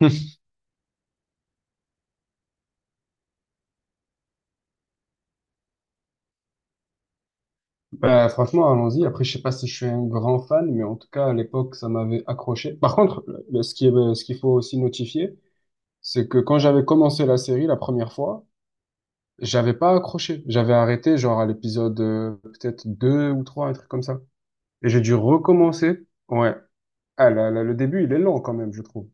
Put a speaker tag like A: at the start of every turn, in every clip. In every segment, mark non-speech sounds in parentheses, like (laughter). A: (laughs) Bah, franchement, allons-y. Après, je sais pas si je suis un grand fan, mais en tout cas, à l'époque, ça m'avait accroché. Par contre, ce qu'il faut aussi notifier, c'est que quand j'avais commencé la série la première fois, j'avais pas accroché. J'avais arrêté, genre, à l'épisode peut-être 2 ou 3 un truc comme ça. Et j'ai dû recommencer. Ouais. Ah, là, là, le début, il est long quand même, je trouve.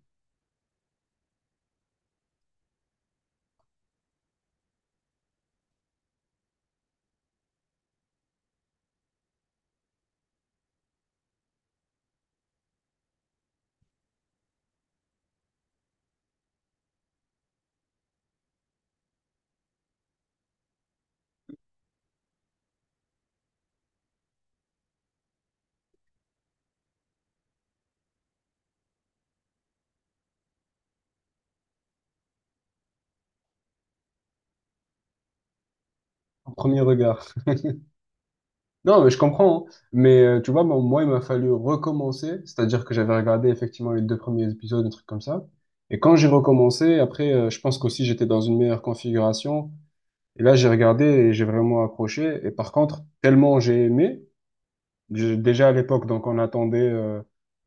A: Au premier regard. Non, mais je comprends, hein. Mais tu vois, moi, il m'a fallu recommencer. C'est-à-dire que j'avais regardé effectivement les deux premiers épisodes, un truc comme ça. Et quand j'ai recommencé, après, je pense qu'aussi j'étais dans une meilleure configuration. Et là, j'ai regardé et j'ai vraiment accroché. Et par contre, tellement j'ai aimé. Déjà à l'époque, donc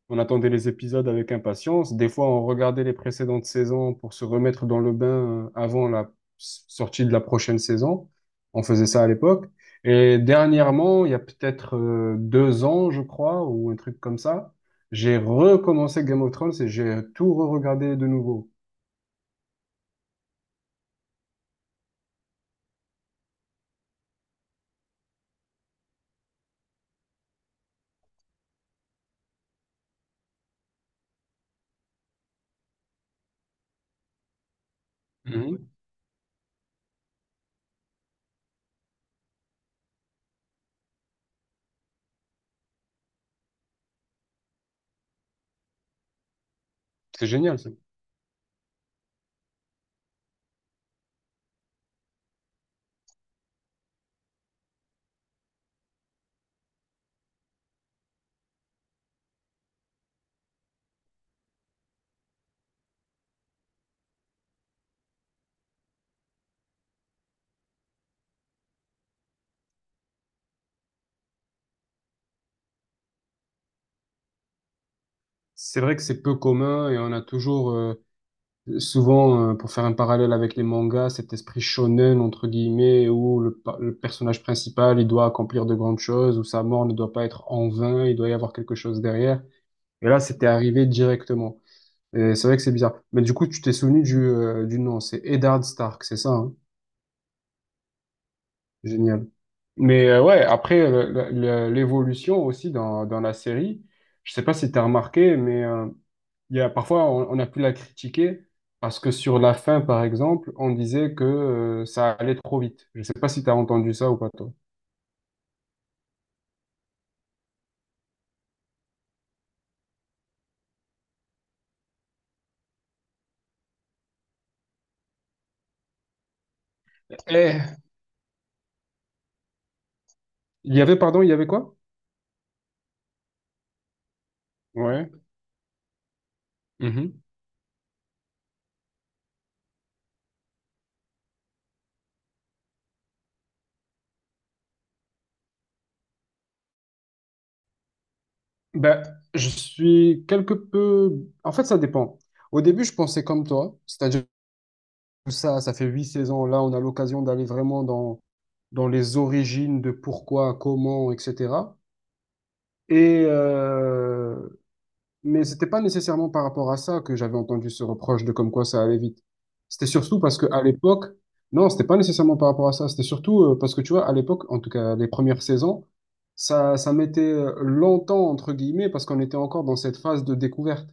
A: on attendait les épisodes avec impatience. Des fois, on regardait les précédentes saisons pour se remettre dans le bain, avant la sortie de la prochaine saison. On faisait ça à l'époque. Et dernièrement, il y a peut-être 2 ans, je crois, ou un truc comme ça, j'ai recommencé Game of Thrones et j'ai tout re-regardé de nouveau. Mhm. C'est génial, ça. C'est vrai que c'est peu commun et souvent, pour faire un parallèle avec les mangas, cet esprit shonen, entre guillemets, où le personnage principal, il doit accomplir de grandes choses, où sa mort ne doit pas être en vain, il doit y avoir quelque chose derrière. Et là, c'était arrivé directement. Et c'est vrai que c'est bizarre. Mais du coup, tu t'es souvenu du nom, c'est Eddard Stark, c'est ça, hein? Génial. Mais ouais, après, l'évolution aussi dans la série, je sais pas si tu as remarqué, mais, il y a, parfois, on a pu la critiquer parce que sur la fin, par exemple, on disait que ça allait trop vite. Je ne sais pas si tu as entendu ça ou pas, toi. Eh, il y avait, pardon, il y avait quoi? Ouais. Mhm. Ben, je suis quelque peu. En fait, ça dépend. Au début, je pensais comme toi, c'est-à-dire que ça fait huit saisons. Là, on a l'occasion d'aller vraiment dans les origines de pourquoi, comment, etc. Et, euh, Mais c'était pas nécessairement par rapport à ça que j'avais entendu ce reproche de comme quoi ça allait vite. C'était surtout parce que à l'époque, non, c'était pas nécessairement par rapport à ça. C'était surtout parce que tu vois, à l'époque, en tout cas les premières saisons, ça mettait longtemps entre guillemets parce qu'on était encore dans cette phase de découverte.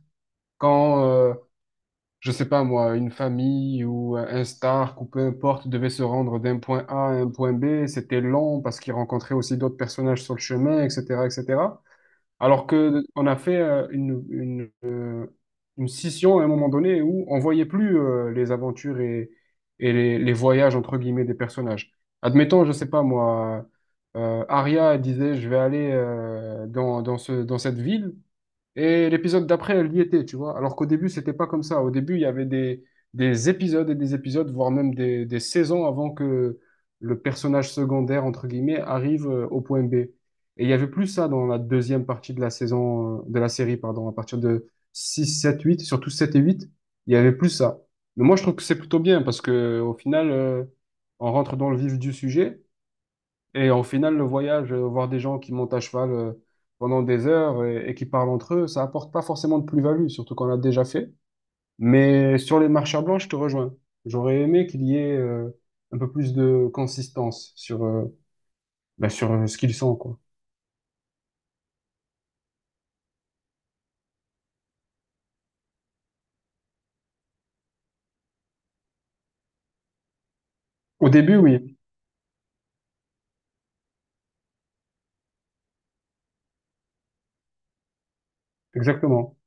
A: Quand, je sais pas moi, une famille ou un Stark ou peu importe devait se rendre d'un point A à un point B, c'était long parce qu'ils rencontraient aussi d'autres personnages sur le chemin, etc., etc. Alors que on a fait une scission à un moment donné où on voyait plus les aventures et les voyages entre guillemets des personnages. Admettons, je sais pas moi, Arya disait je vais aller dans cette ville. Et l'épisode d'après, elle y était, tu vois. Alors qu'au début, c'était pas comme ça. Au début, il y avait des épisodes et des épisodes, voire même des saisons avant que le personnage secondaire, entre guillemets, arrive au point B. Et il y avait plus ça dans la deuxième partie de la saison, de la série, pardon, à partir de 6, 7, 8, surtout 7 et 8, il y avait plus ça. Mais moi, je trouve que c'est plutôt bien parce que au final, on rentre dans le vif du sujet. Et au final, le voyage, voir des gens qui montent à cheval pendant des heures et qui parlent entre eux, ça apporte pas forcément de plus-value, surtout qu'on l'a déjà fait. Mais sur les marches à blanc, je te rejoins. J'aurais aimé qu'il y ait un peu plus de consistance sur, ce qu'ils sont, quoi. Au début, oui, exactement.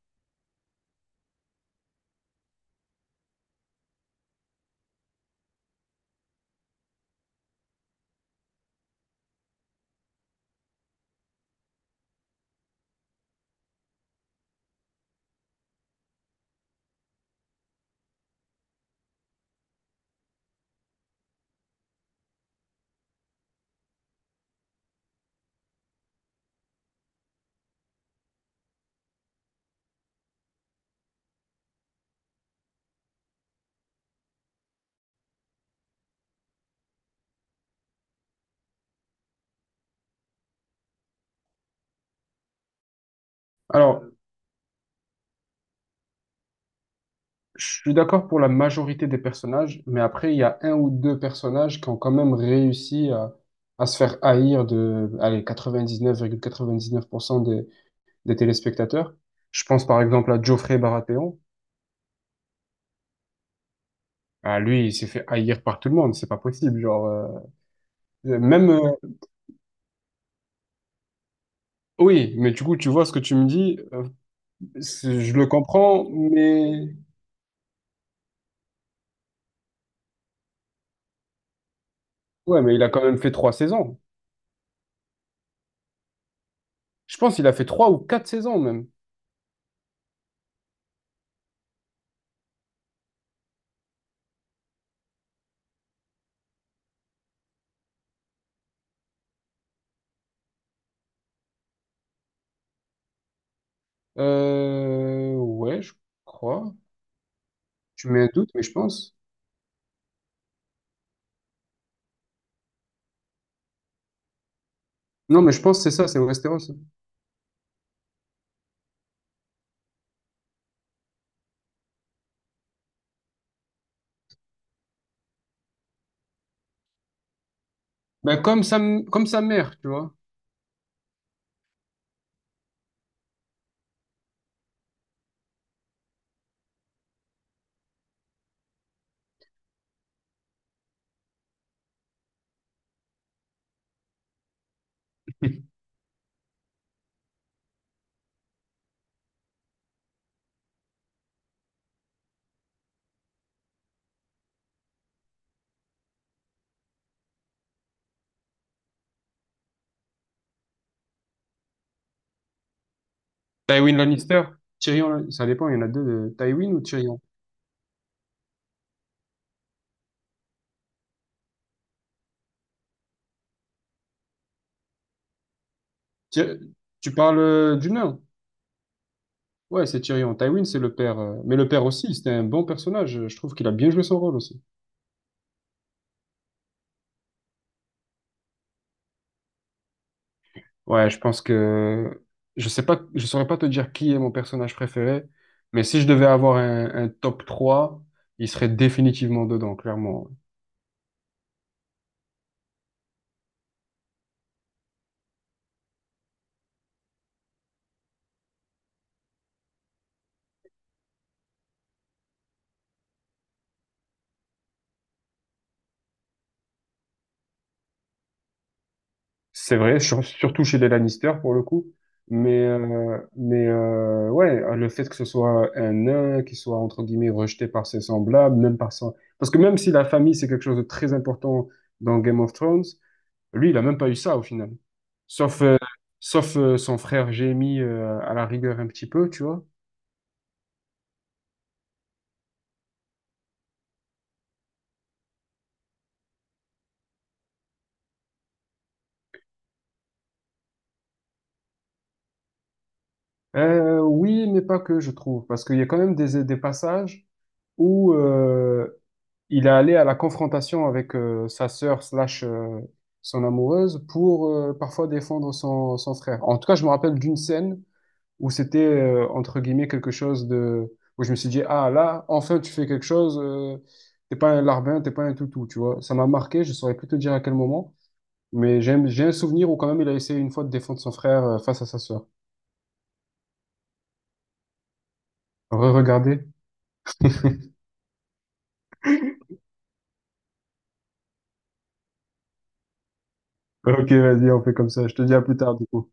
A: Alors, je suis d'accord pour la majorité des personnages, mais après, il y a un ou deux personnages qui ont quand même réussi à se faire haïr de, allez, 99,99% des téléspectateurs. Je pense par exemple à Geoffrey Baratheon. Ah, lui, il s'est fait haïr par tout le monde, c'est pas possible. Genre, même, oui, mais du coup, tu vois ce que tu me dis, je le comprends, mais ouais, mais il a quand même fait trois saisons. Je pense qu'il a fait trois ou quatre saisons même. Ouais, je crois. Tu mets un doute, mais je pense. Non, mais je pense que c'est ça, c'est Westeros. Ben, comme sa mère, tu vois. (laughs) Tywin Lannister, Tyrion, ça dépend, il y en a deux, de Tywin ou Tyrion. Tu, tu parles du nain? Ouais, c'est Tyrion. Tywin, c'est le père. Mais le père aussi, c'était un bon personnage. Je trouve qu'il a bien joué son rôle aussi. Ouais, je pense que je sais pas, je saurais pas te dire qui est mon personnage préféré, mais si je devais avoir un top 3, il serait définitivement dedans, clairement. C'est vrai, surtout chez les Lannister pour le coup. Mais, ouais, le fait que ce soit un nain, qui soit entre guillemets rejeté par ses semblables, même par son. Parce que même si la famille, c'est quelque chose de très important dans Game of Thrones, lui, il a même pas eu ça au final. Sauf, euh, sauf, son frère Jaime, à la rigueur un petit peu, tu vois. Oui, mais pas que, je trouve. Parce qu'il y a quand même des passages où, il est allé à la confrontation avec sa sœur slash son amoureuse pour parfois défendre son frère. En tout cas, je me rappelle d'une scène où c'était, entre guillemets, quelque chose de où je me suis dit: ah là, enfin tu fais quelque chose, t'es pas un larbin, t'es pas un toutou, tu vois, ça m'a marqué, je saurais plus te dire à quel moment, mais j'ai un souvenir où quand même il a essayé une fois de défendre son frère, face à sa sœur. Re-regardez. (laughs) Ok, vas-y, on fait comme ça, je te dis à plus tard du coup.